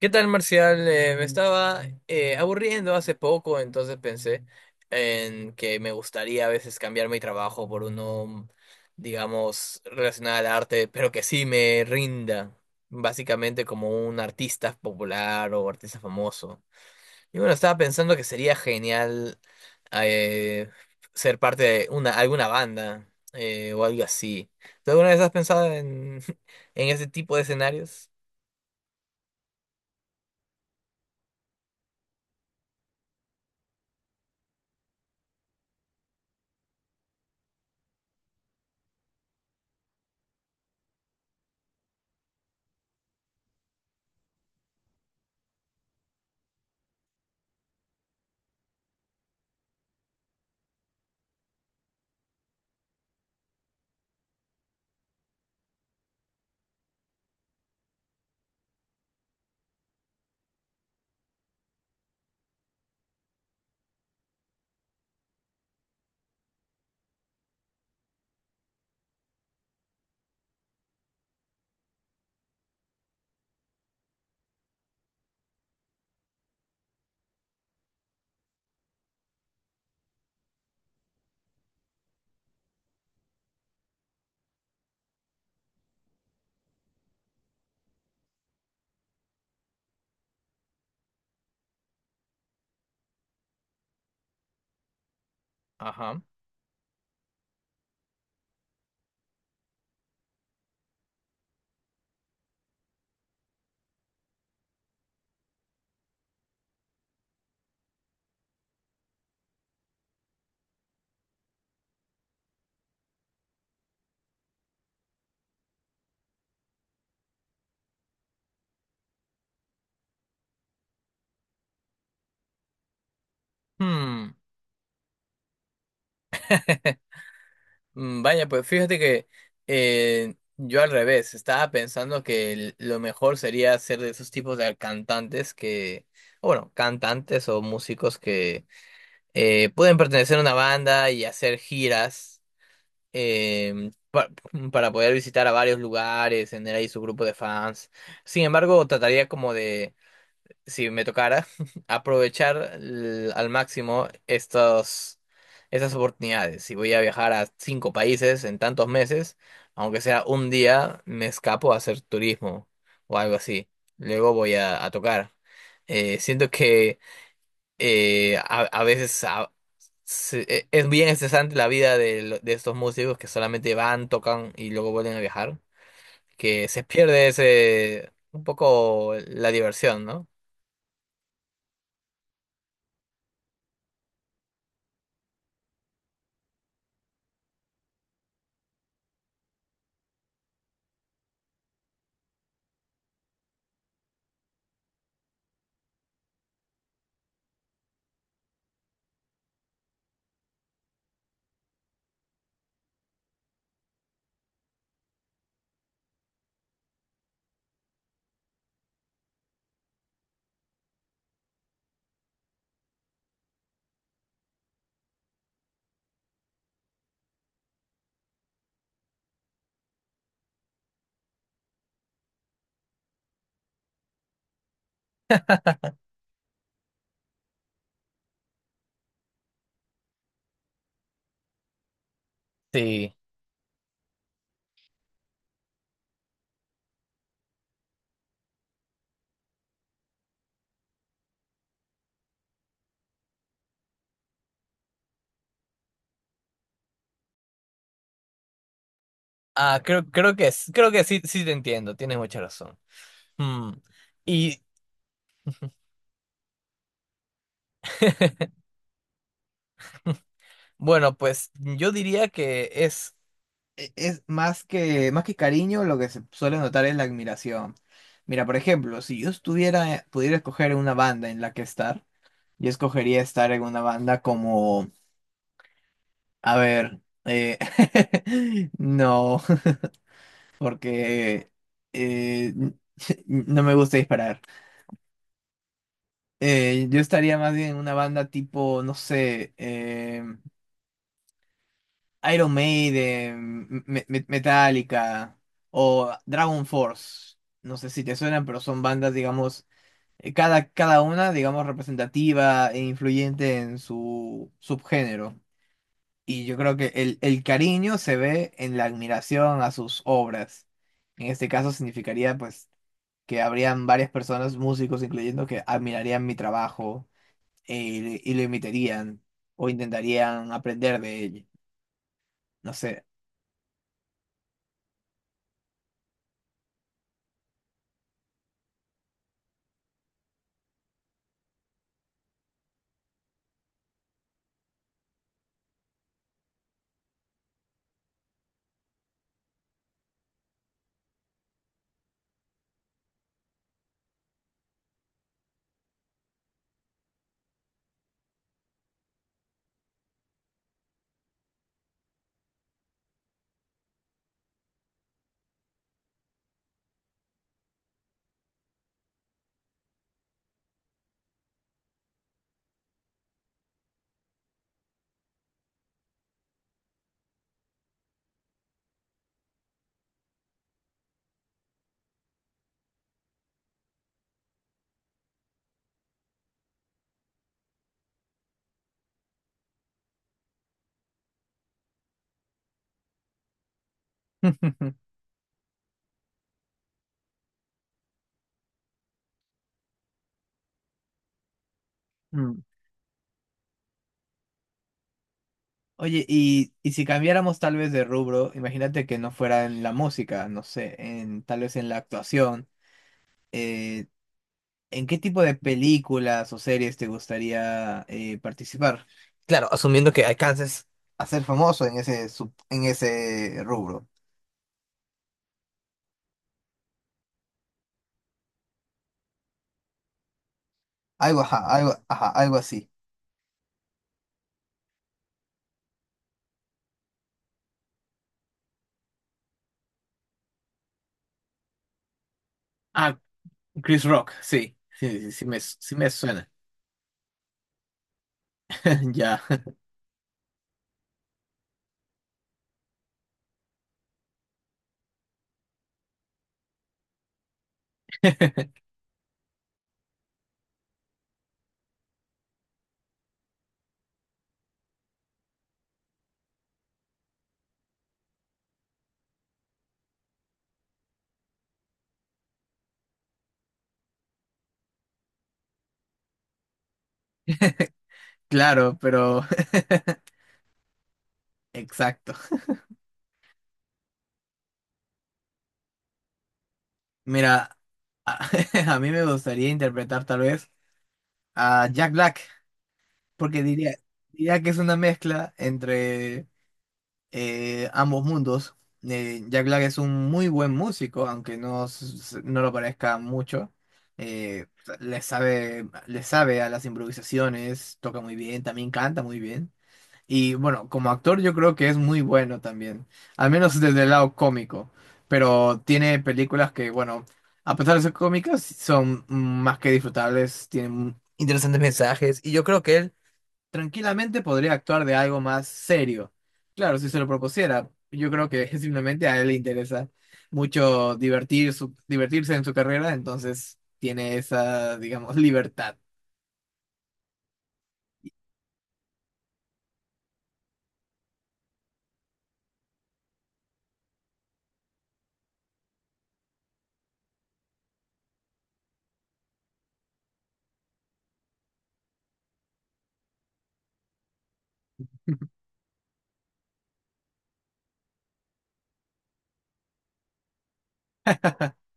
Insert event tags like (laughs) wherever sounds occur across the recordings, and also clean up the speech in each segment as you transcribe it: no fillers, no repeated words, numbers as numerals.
¿Qué tal, Marcial? Me estaba aburriendo hace poco, entonces pensé en que me gustaría a veces cambiar mi trabajo por uno, digamos, relacionado al arte, pero que sí me rinda, básicamente como un artista popular o artista famoso. Y bueno, estaba pensando que sería genial eh, ser parte de una, alguna banda o algo así. ¿Tú alguna vez has pensado en, (laughs) en ese tipo de escenarios? Ajá. Hmm. Mm, vaya, pues fíjate que yo al revés, estaba pensando que lo mejor sería ser de esos tipos de cantantes que, o bueno, cantantes o músicos que pueden pertenecer a una banda y hacer giras eh, pa- para poder visitar a varios lugares, tener ahí su grupo de fans. Sin embargo, trataría como de si me tocara, (laughs) aprovechar al máximo estas oportunidades. Si voy a viajar a cinco países en tantos meses, aunque sea un día, me escapo a hacer turismo o algo así. Luego voy a tocar. Siento que a veces es bien estresante la vida de, de estos músicos que solamente van, tocan y luego vuelven a viajar, que se pierde ese un poco la diversión, ¿no? Sí. Ah, creo que creo que sí, sí te entiendo, tienes mucha razón. Mm, y (laughs) bueno, pues yo diría que es, es más que cariño, lo que se suele notar es la admiración. Mira, por ejemplo, si yo estuviera, pudiera escoger una banda en la que estar, yo escogería estar en una banda como, a ver, eh, (laughs) no, porque eh, (laughs) no me gusta disparar. Yo estaría más bien en una banda tipo, no sé, Iron Maiden, Metallica o Dragon Force. No sé si te suenan, pero son bandas, digamos, cada una, digamos, representativa e influyente en su subgénero. Y yo creo que el cariño se ve en la admiración a sus obras. En este caso significaría, pues, que habrían varias personas, músicos incluyendo, que admirarían mi trabajo y, y lo imitarían o intentarían aprender de él. No sé. (laughs) Mm. Oye, y si cambiáramos tal vez de rubro, imagínate que no fuera en la música, no sé, en, tal vez en la actuación, eh, ¿en qué tipo de películas o series te gustaría participar? Claro, asumiendo que alcances. A ser famoso en ese, en ese rubro. Algo, ajá, algo, ajá, algo así. Ah, Chris Rock, sí, sí, sí, sí me suena. (laughs) Ya. (laughs) Claro, pero (laughs) exacto. Mira, a, (laughs) a mí me gustaría interpretar tal vez a Jack Black, porque diría, diría que es una mezcla entre ambos mundos. Jack Black es un muy buen músico, aunque no, no lo parezca mucho. Eh, Le sabe, le sabe a las improvisaciones, toca muy bien, también canta muy bien. Y bueno, como actor yo creo que es muy bueno también, al menos desde el lado cómico, pero tiene películas que, bueno, a pesar de ser cómicas, son más que disfrutables, tienen interesantes mensajes y yo creo que él tranquilamente podría actuar de algo más serio. Claro, si se lo propusiera, yo creo que (laughs) simplemente a él le interesa mucho divertirse en su carrera, entonces tiene esa, digamos, libertad. (laughs)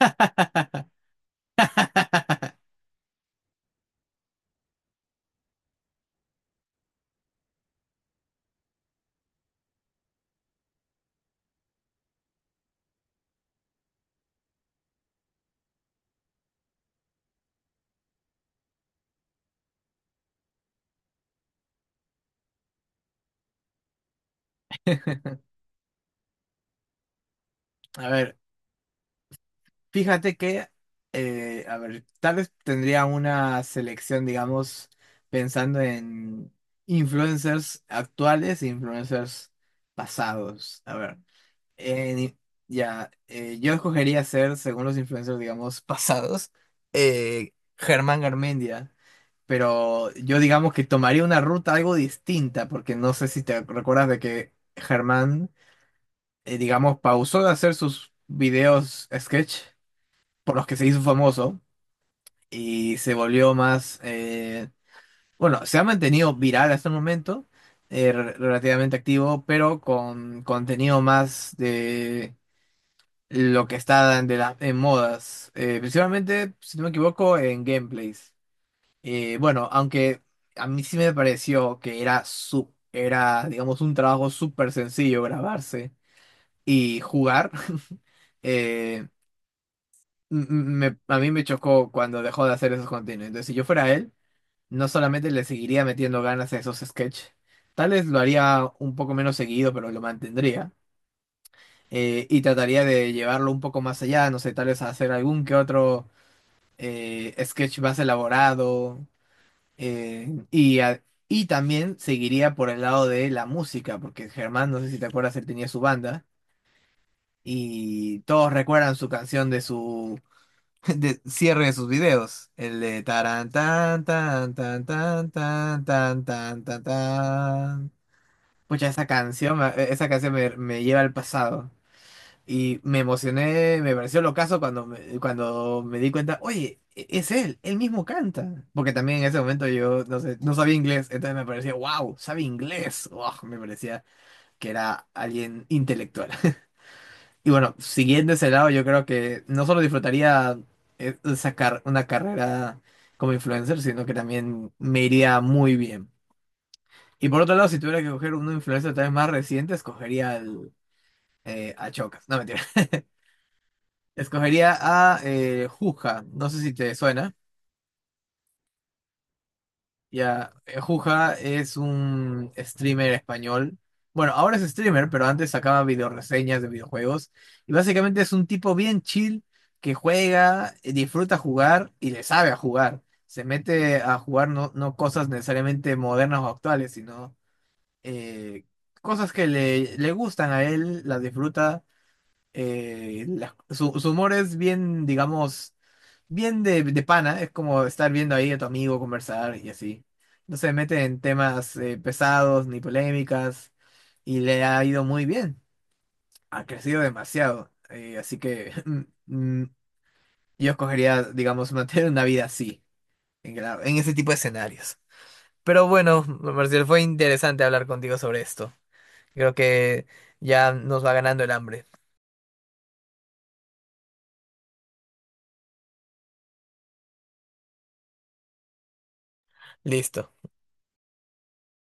(laughs) A ver. Fíjate que, a ver, tal vez tendría una selección, digamos, pensando en influencers actuales e influencers pasados. A ver, en- ya, yo escogería ser, según los influencers, digamos, (laughs) pasados, eh, Germán Garmendia. Pero yo digamos que tomaría una ruta algo distinta, porque no sé si te recuerdas de que Germán, digamos, pausó de hacer sus videos sketch por los que se hizo famoso y se volvió más, bueno, se ha mantenido viral hasta el momento, relativamente activo, pero con contenido más de lo que está en modas, principalmente, si no me equivoco, en gameplays. Bueno, aunque a mí sí me pareció que era, su, era digamos, un trabajo súper sencillo grabarse y jugar. (laughs) eh, m- m- a mí me chocó cuando dejó de hacer esos contenidos. Entonces, si yo fuera él, no solamente le seguiría metiendo ganas a esos sketches, tal vez lo haría un poco menos seguido, pero lo mantendría. Y trataría de llevarlo un poco más allá, no sé, tal vez hacer algún que otro sketch más elaborado. eh, y, a- y también seguiría por el lado de la música, porque Germán, no sé si te acuerdas, él tenía su banda y todos recuerdan su canción de su (laughs) de cierre de sus videos. El de taran, tan, tan, tan, tan, tan, tan, tan, tan, tan. Pucha, esa canción, esa canción me, me lleva al pasado. Y me emocioné, me pareció locazo cuando me di cuenta, oye, es él, él mismo canta. Porque también en ese momento yo, no sé, no sabía inglés, entonces me parecía, wow, sabe inglés. Wow, me parecía que era alguien intelectual. Y bueno, siguiendo ese lado, yo creo que no solo disfrutaría sacar una carrera como influencer, sino que también me iría muy bien. Y por otro lado, si tuviera que coger un influencer tal vez más reciente, escogería al, a Chocas. No, mentira. (laughs) Escogería a Juja. No sé si te suena. Ya, Juja es un streamer español. Bueno, ahora es streamer, pero antes sacaba videoreseñas de videojuegos. Y básicamente es un tipo bien chill que juega, disfruta jugar y le sabe a jugar. Se mete a jugar no, no cosas necesariamente modernas o actuales, sino eh, cosas que le gustan a él, las disfruta. Su humor es bien, digamos bien de pana, es como estar viendo ahí a tu amigo conversar y así. No se mete en temas pesados ni polémicas y le ha ido muy bien. Ha crecido demasiado. Así que (laughs) mm, yo escogería, digamos, (laughs) mantener una vida así, en, en ese tipo de escenarios. Pero bueno, Marcial, fue interesante hablar contigo sobre esto. Creo que ya nos va ganando el hambre. Listo.